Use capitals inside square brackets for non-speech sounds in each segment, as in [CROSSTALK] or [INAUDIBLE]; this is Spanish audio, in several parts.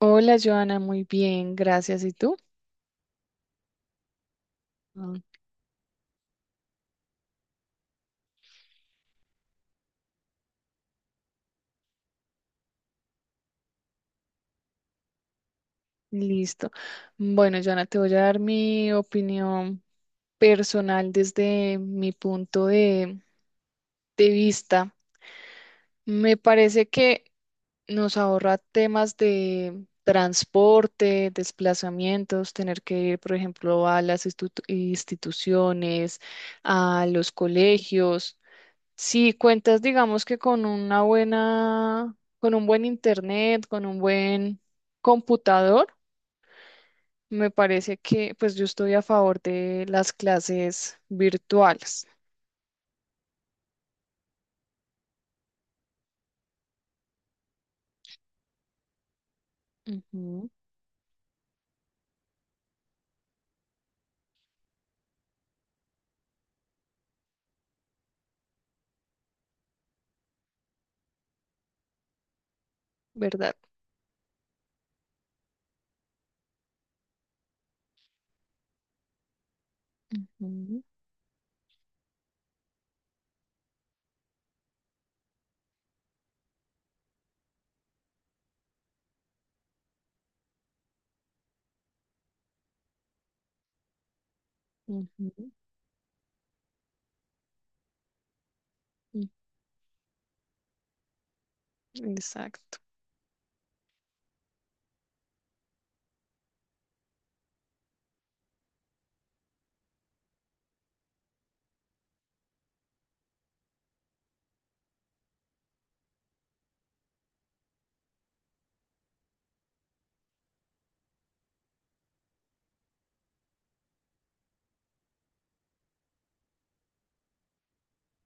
Hola, Joana, muy bien, gracias. ¿Y tú? Mm. Listo. Bueno, Joana, te voy a dar mi opinión personal desde mi punto de vista. Me parece que nos ahorra temas de transporte, desplazamientos, tener que ir, por ejemplo, a las instituciones, a los colegios. Si cuentas, digamos que con una buena, con un buen internet, con un buen computador, me parece que pues yo estoy a favor de las clases virtuales. Ujú, ¿verdad? Ujú, ujú, ujú, exacto,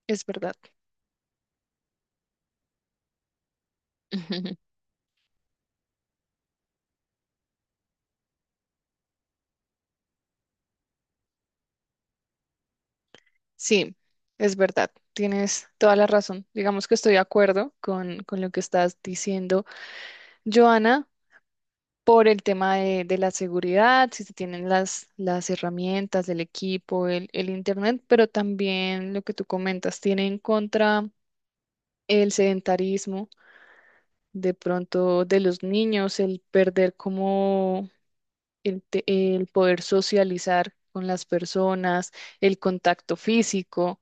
es verdad. [LAUGHS] Sí, es verdad, tienes toda la razón. Digamos que estoy de acuerdo con lo que estás diciendo, Joana. Por el tema de la seguridad, si se tienen las herramientas, el equipo, el internet, pero también lo que tú comentas, tiene en contra el sedentarismo, de pronto de los niños, el perder como el poder socializar con las personas, el contacto físico.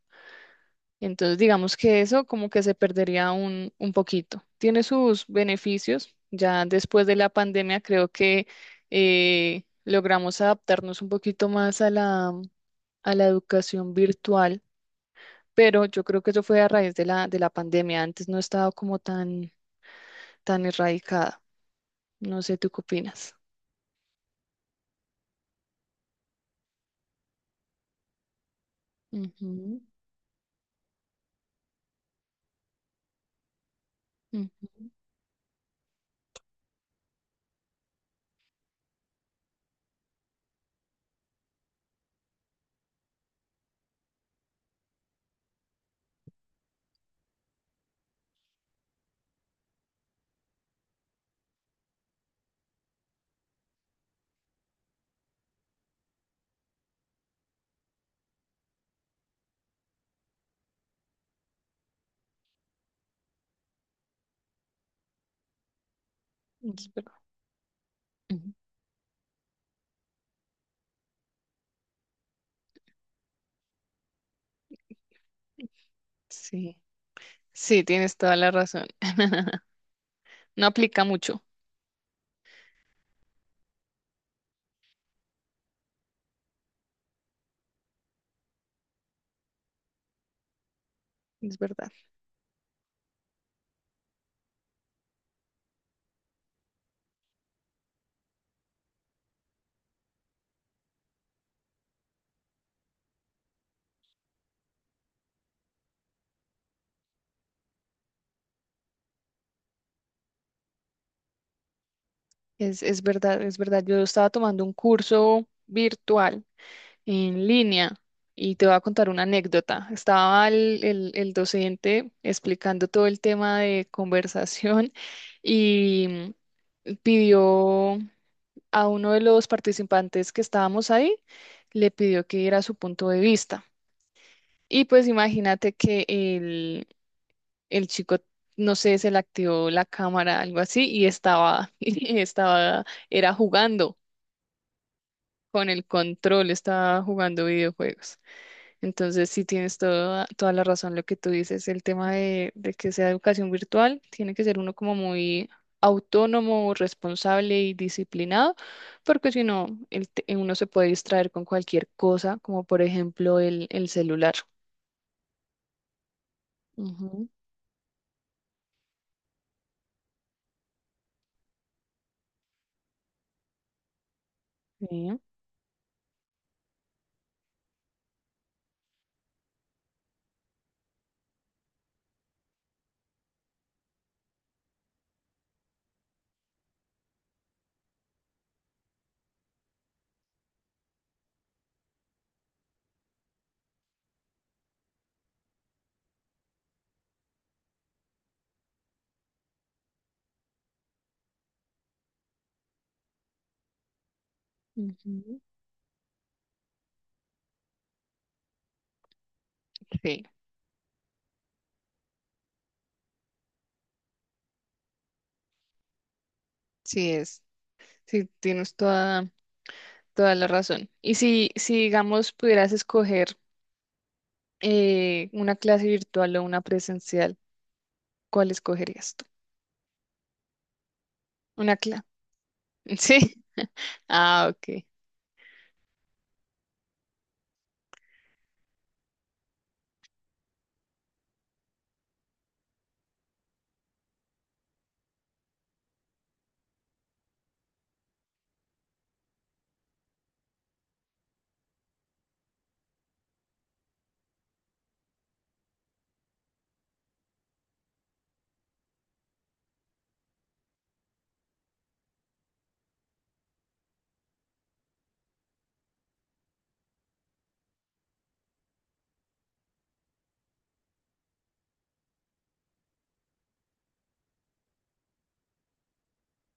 Entonces, digamos que eso como que se perdería un poquito. Tiene sus beneficios. Ya después de la pandemia creo que logramos adaptarnos un poquito más a la educación virtual, pero yo creo que eso fue a raíz de la pandemia. Antes no estaba como tan erradicada. No sé, ¿tú qué opinas? Ujú, ujú, es verdad. Ujú. Sí, sí, tienes toda la razón. [LAUGHS] No aplica mucho, es verdad. Es verdad, es verdad. Yo estaba tomando un curso virtual en línea y te voy a contar una anécdota. Estaba el docente explicando todo el tema de conversación [LAUGHS] y pidió a uno de los participantes que estábamos ahí, le pidió que diera su punto de vista. Y pues imagínate que el chico, no sé, se le activó la cámara, algo así, y estaba, [LAUGHS] y estaba, era jugando. Con el control estaba jugando videojuegos. Entonces, sí tienes toda la razón lo que tú dices. El tema de que sea educación virtual, tiene que ser uno como muy autónomo, responsable y disciplinado, porque si no, uno se puede distraer con cualquier cosa, como por ejemplo el celular. Ujú, sí, ujú. Sí, sí es. Sí, tienes toda, toda la razón. Y si, si digamos, pudieras escoger una clase virtual o una presencial, ¿cuál escogerías tú? Una clase. [LAUGHS] Sí. Ah, ok.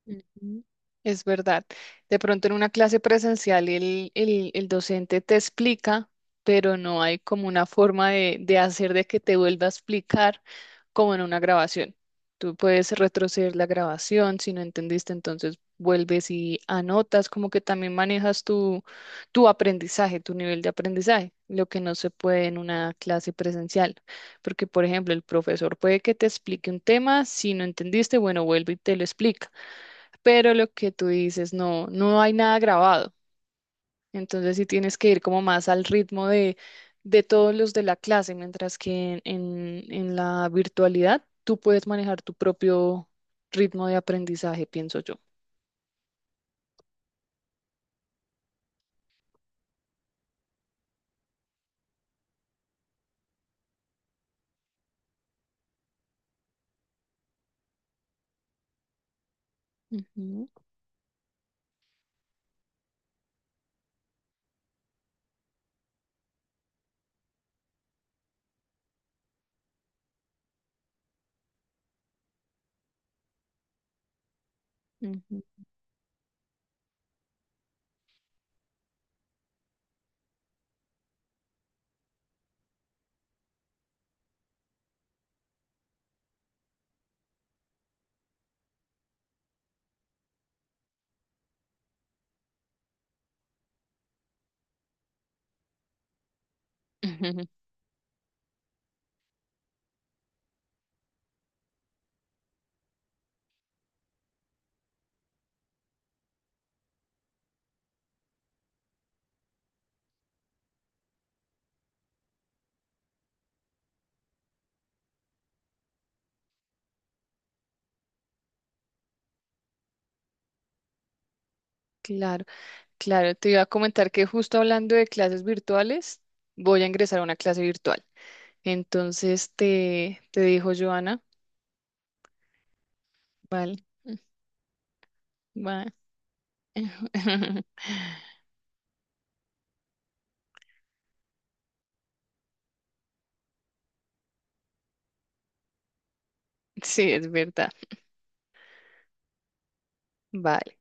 Ujú. Es verdad. De pronto en una clase presencial el docente te explica, pero no hay como una forma de hacer de que te vuelva a explicar como en una grabación. Tú puedes retroceder la grabación, si no entendiste, entonces vuelves y anotas, como que también manejas tu, tu aprendizaje, tu nivel de aprendizaje, lo que no se puede en una clase presencial. Porque, por ejemplo, el profesor puede que te explique un tema, si no entendiste, bueno, vuelve y te lo explica, pero lo que tú dices, no, no hay nada grabado. Entonces sí tienes que ir como más al ritmo de todos los de la clase, mientras que en la virtualidad tú puedes manejar tu propio ritmo de aprendizaje, pienso yo. Ujú, ujú. [LAUGHS] Claro. Claro, te, iba a comentar que justo hablando de clases virtuales, voy a ingresar a una clase virtual. Entonces te dijo Joana, vale, va. [LAUGHS] Sí, es verdad. Vale.